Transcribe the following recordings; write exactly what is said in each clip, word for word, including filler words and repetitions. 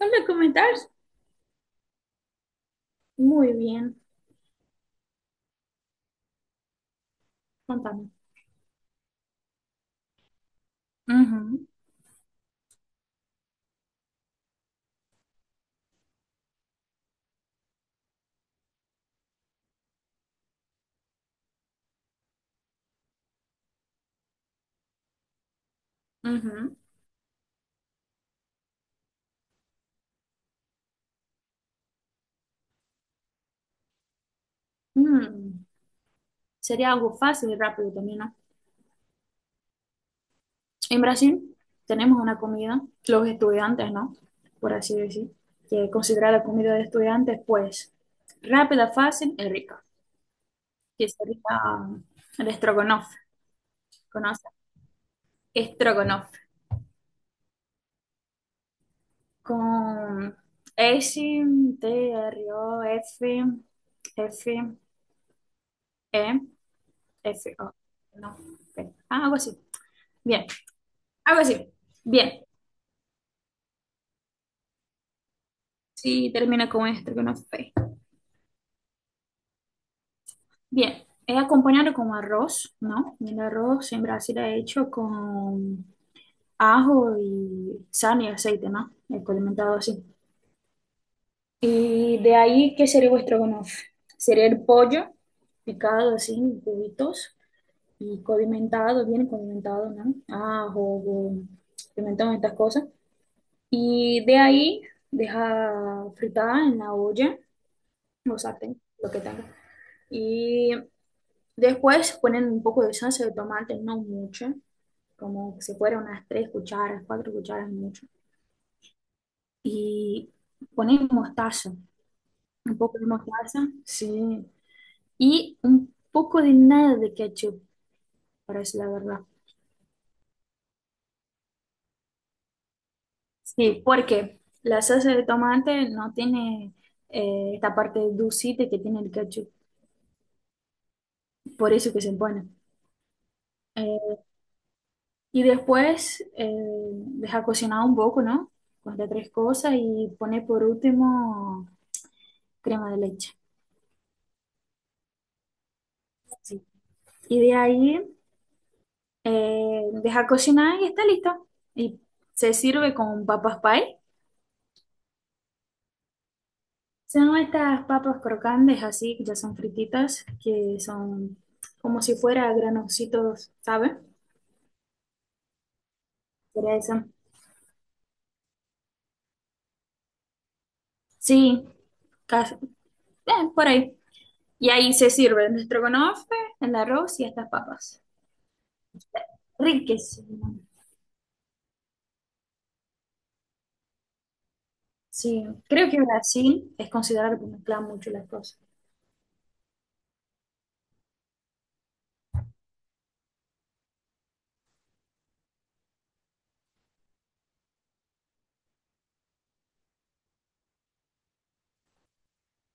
Hola, ¿cómo? Muy bien, contame. Ujú. Ujú. Mm, Sería algo fácil y rápido también, ¿no? En Brasil tenemos una comida, los estudiantes, ¿no? Por así decir, que es considerada comida de estudiantes, pues rápida, fácil y rica, que sería el estrogonoff, ¿conoces? Estrogonoff, con S, T, R, O, F, F, E, F, O, no, P. Ah, algo así. Bien. Algo así. Bien. Sí, termina con esto, que no fue. Bien. Es acompañado con arroz, ¿no? El arroz en Brasil es hecho con ajo y sal y aceite, ¿no? Es condimentado así. Y de ahí, ¿qué sería vuestro estrogonofe? Sería el pollo picado así en cubitos y condimentado, bien condimentado, ¿no? Ajo, o pimentón, estas cosas. Y de ahí, deja fritar en la olla o sartén, lo que tenga. Y después ponen un poco de salsa de tomate, no mucho, como si fuera unas tres cucharas, cuatro cucharas mucho. Y ponen mostaza, un poco de mostaza, sí. Y un poco de nada de ketchup, para decir la verdad. Sí, porque la salsa de tomate no tiene eh, esta parte dulcita que tiene el ketchup, por eso que se pone. Eh, Y después eh, deja cocinar un poco, ¿no? Corta tres cosas y pone por último crema de leche. Sí. Y de ahí eh, deja cocinar y está listo. Y se sirve con papas pie. Son estas papas crocantes así, que ya son frititas, que son como si fuera granositos, ¿sabes? Pero eso. Sí, casi, eh, por ahí. Y ahí se sirve el estrogonofe, el arroz y estas papas. Riquísimo. Sí, creo que Brasil es considerado como mezcla mucho las cosas.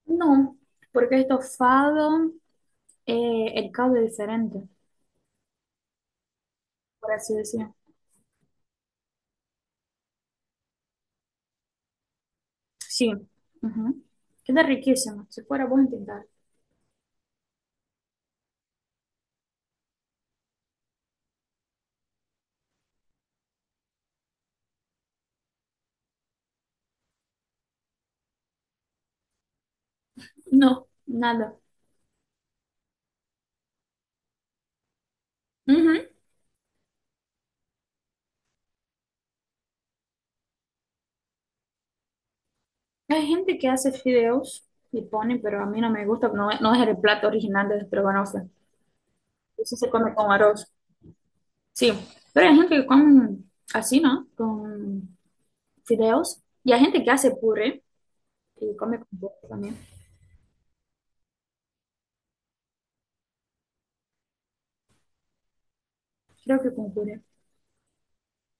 No, porque el estofado, eh, el caldo es diferente, por así decirlo. Sí, ujú. Queda riquísimo. Si fuera, vos intentar. No, nada. Ujú. Hay gente que hace fideos y pone, pero a mí no me gusta, no, no es el plato original de Estrogonofe. Eso se come con arroz. Sí, pero hay gente que come así, ¿no? Con fideos. Y hay gente que hace puré y come con puré también. Creo que con puré.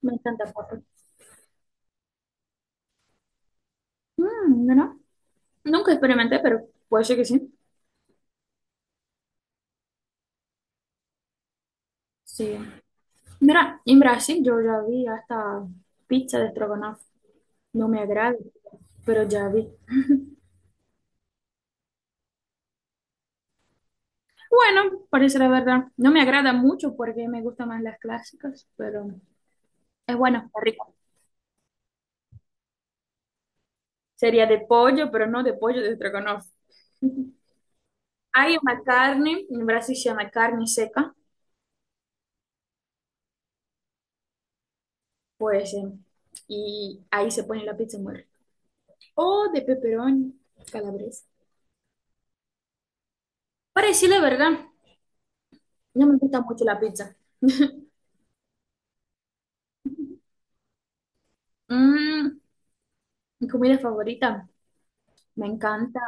Me encanta papa. Mm, mira, nunca experimenté, pero puede ser que sí. Sí. Mira, en Brasil yo ya vi hasta pizza de estrogonofe. No me agrada, pero ya vi. Bueno, parece la verdad. No me agrada mucho porque me gustan más las clásicas, pero es bueno, está rico. Sería de pollo, pero no de pollo de estrogonofe. Hay una carne, en Brasil se llama carne seca, pues, eh, y ahí se pone la pizza muy rica. O de pepperoni calabresa. Para decir la verdad, no me gusta mucho la pizza. Mm, Mi comida favorita, me encanta.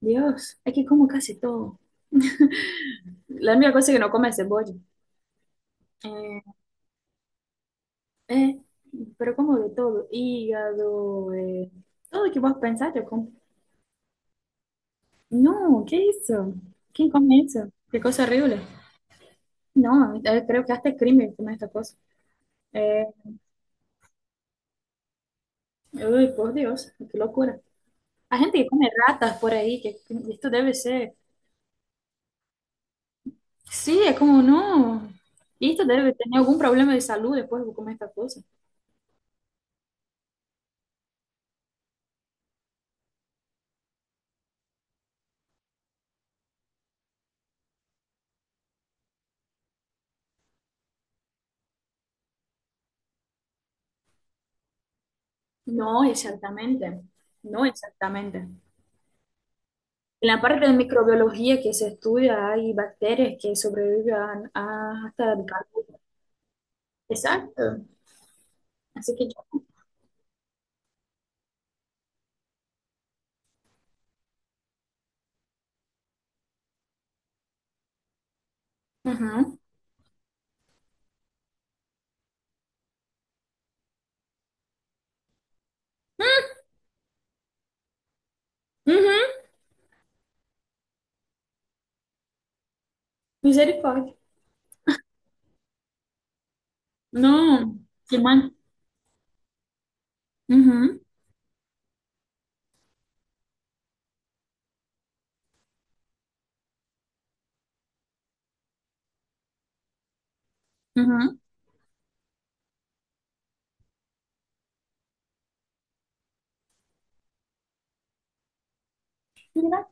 Dios, es que como casi todo. La única cosa que no come es cebolla. Eh, eh, pero como de todo, hígado, eh, todo lo que vos pensás, yo como. No, ¿qué es eso? ¿Quién come eso? Qué cosa horrible. No, eh, creo que hasta es crimen comer esta cosa. Eh, Uy, por Dios, qué locura. Hay gente que come ratas por ahí, que que esto debe ser. Sí, es como, no, esto debe tener algún problema de salud después de comer esta cosa. No, exactamente, no exactamente. En la parte de microbiología que se estudia hay bacterias que sobreviven a- a- hasta el calor. Exacto. Así que yo. Ajá. Ujú. Misericordia. No, qué mal. Ujú, ujú. Mira.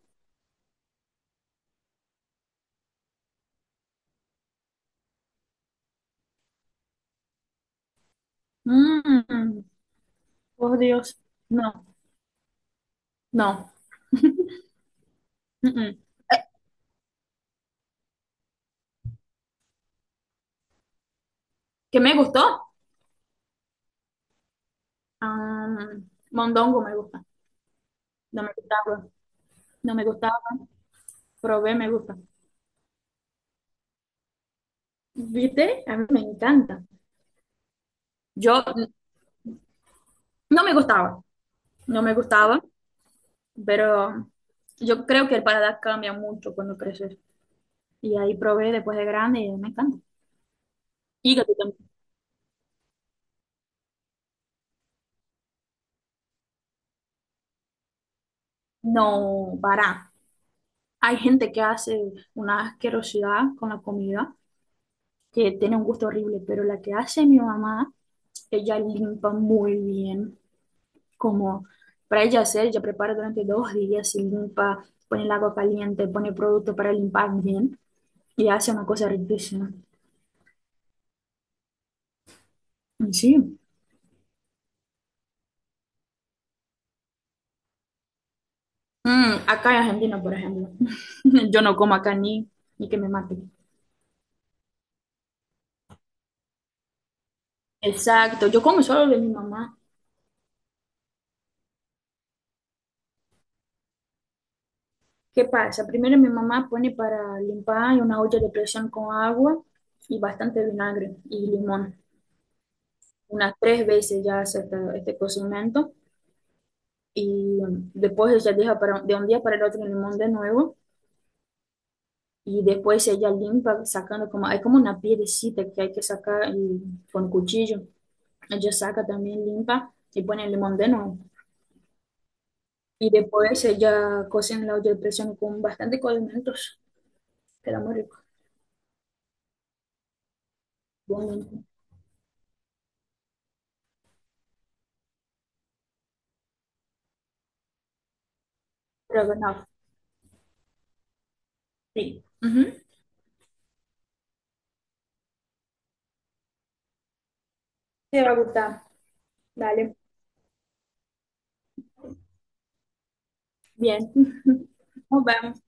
Mm, por Dios. No, no. Mm, mm. Eh, ¿Qué me gustó? Ah, mondongo me gusta. No me gustaba, no me gustaba. Probé, me gusta. ¿Viste? A mí me encanta. Yo no me gustaba, no me gustaba, pero yo creo que el paladar cambia mucho cuando creces. Y ahí probé después de grande y me encanta. Hígado también. No, para. Hay gente que hace una asquerosidad con la comida, que tiene un gusto horrible, pero la que hace mi mamá, ella limpa muy bien. Como para ella hacer, ella prepara durante dos días, se limpa, pone el agua caliente, pone producto para limpar bien y hace una cosa riquísima. Y sí. Mm, acá en Argentina, por ejemplo, yo no como acá ni, ni que me maten. Exacto, yo como solo de mi mamá. ¿Qué pasa? Primero mi mamá pone para limpar una olla de presión con agua y bastante vinagre y limón. Unas tres veces ya hace esta- este, cocimiento y mm, después ella deja para, de un día para el otro el limón de nuevo. Y después ella limpa sacando como, hay como una piedecita que hay que sacar y- con cuchillo. Ella saca también, limpa y pone el limón de nuevo. Y después ella cocina en la olla de presión con bastante condimentos. Queda muy rico. Bonito. Pero no, sí. Ujú. Te va a gustar. Dale. Bien. Nos vemos.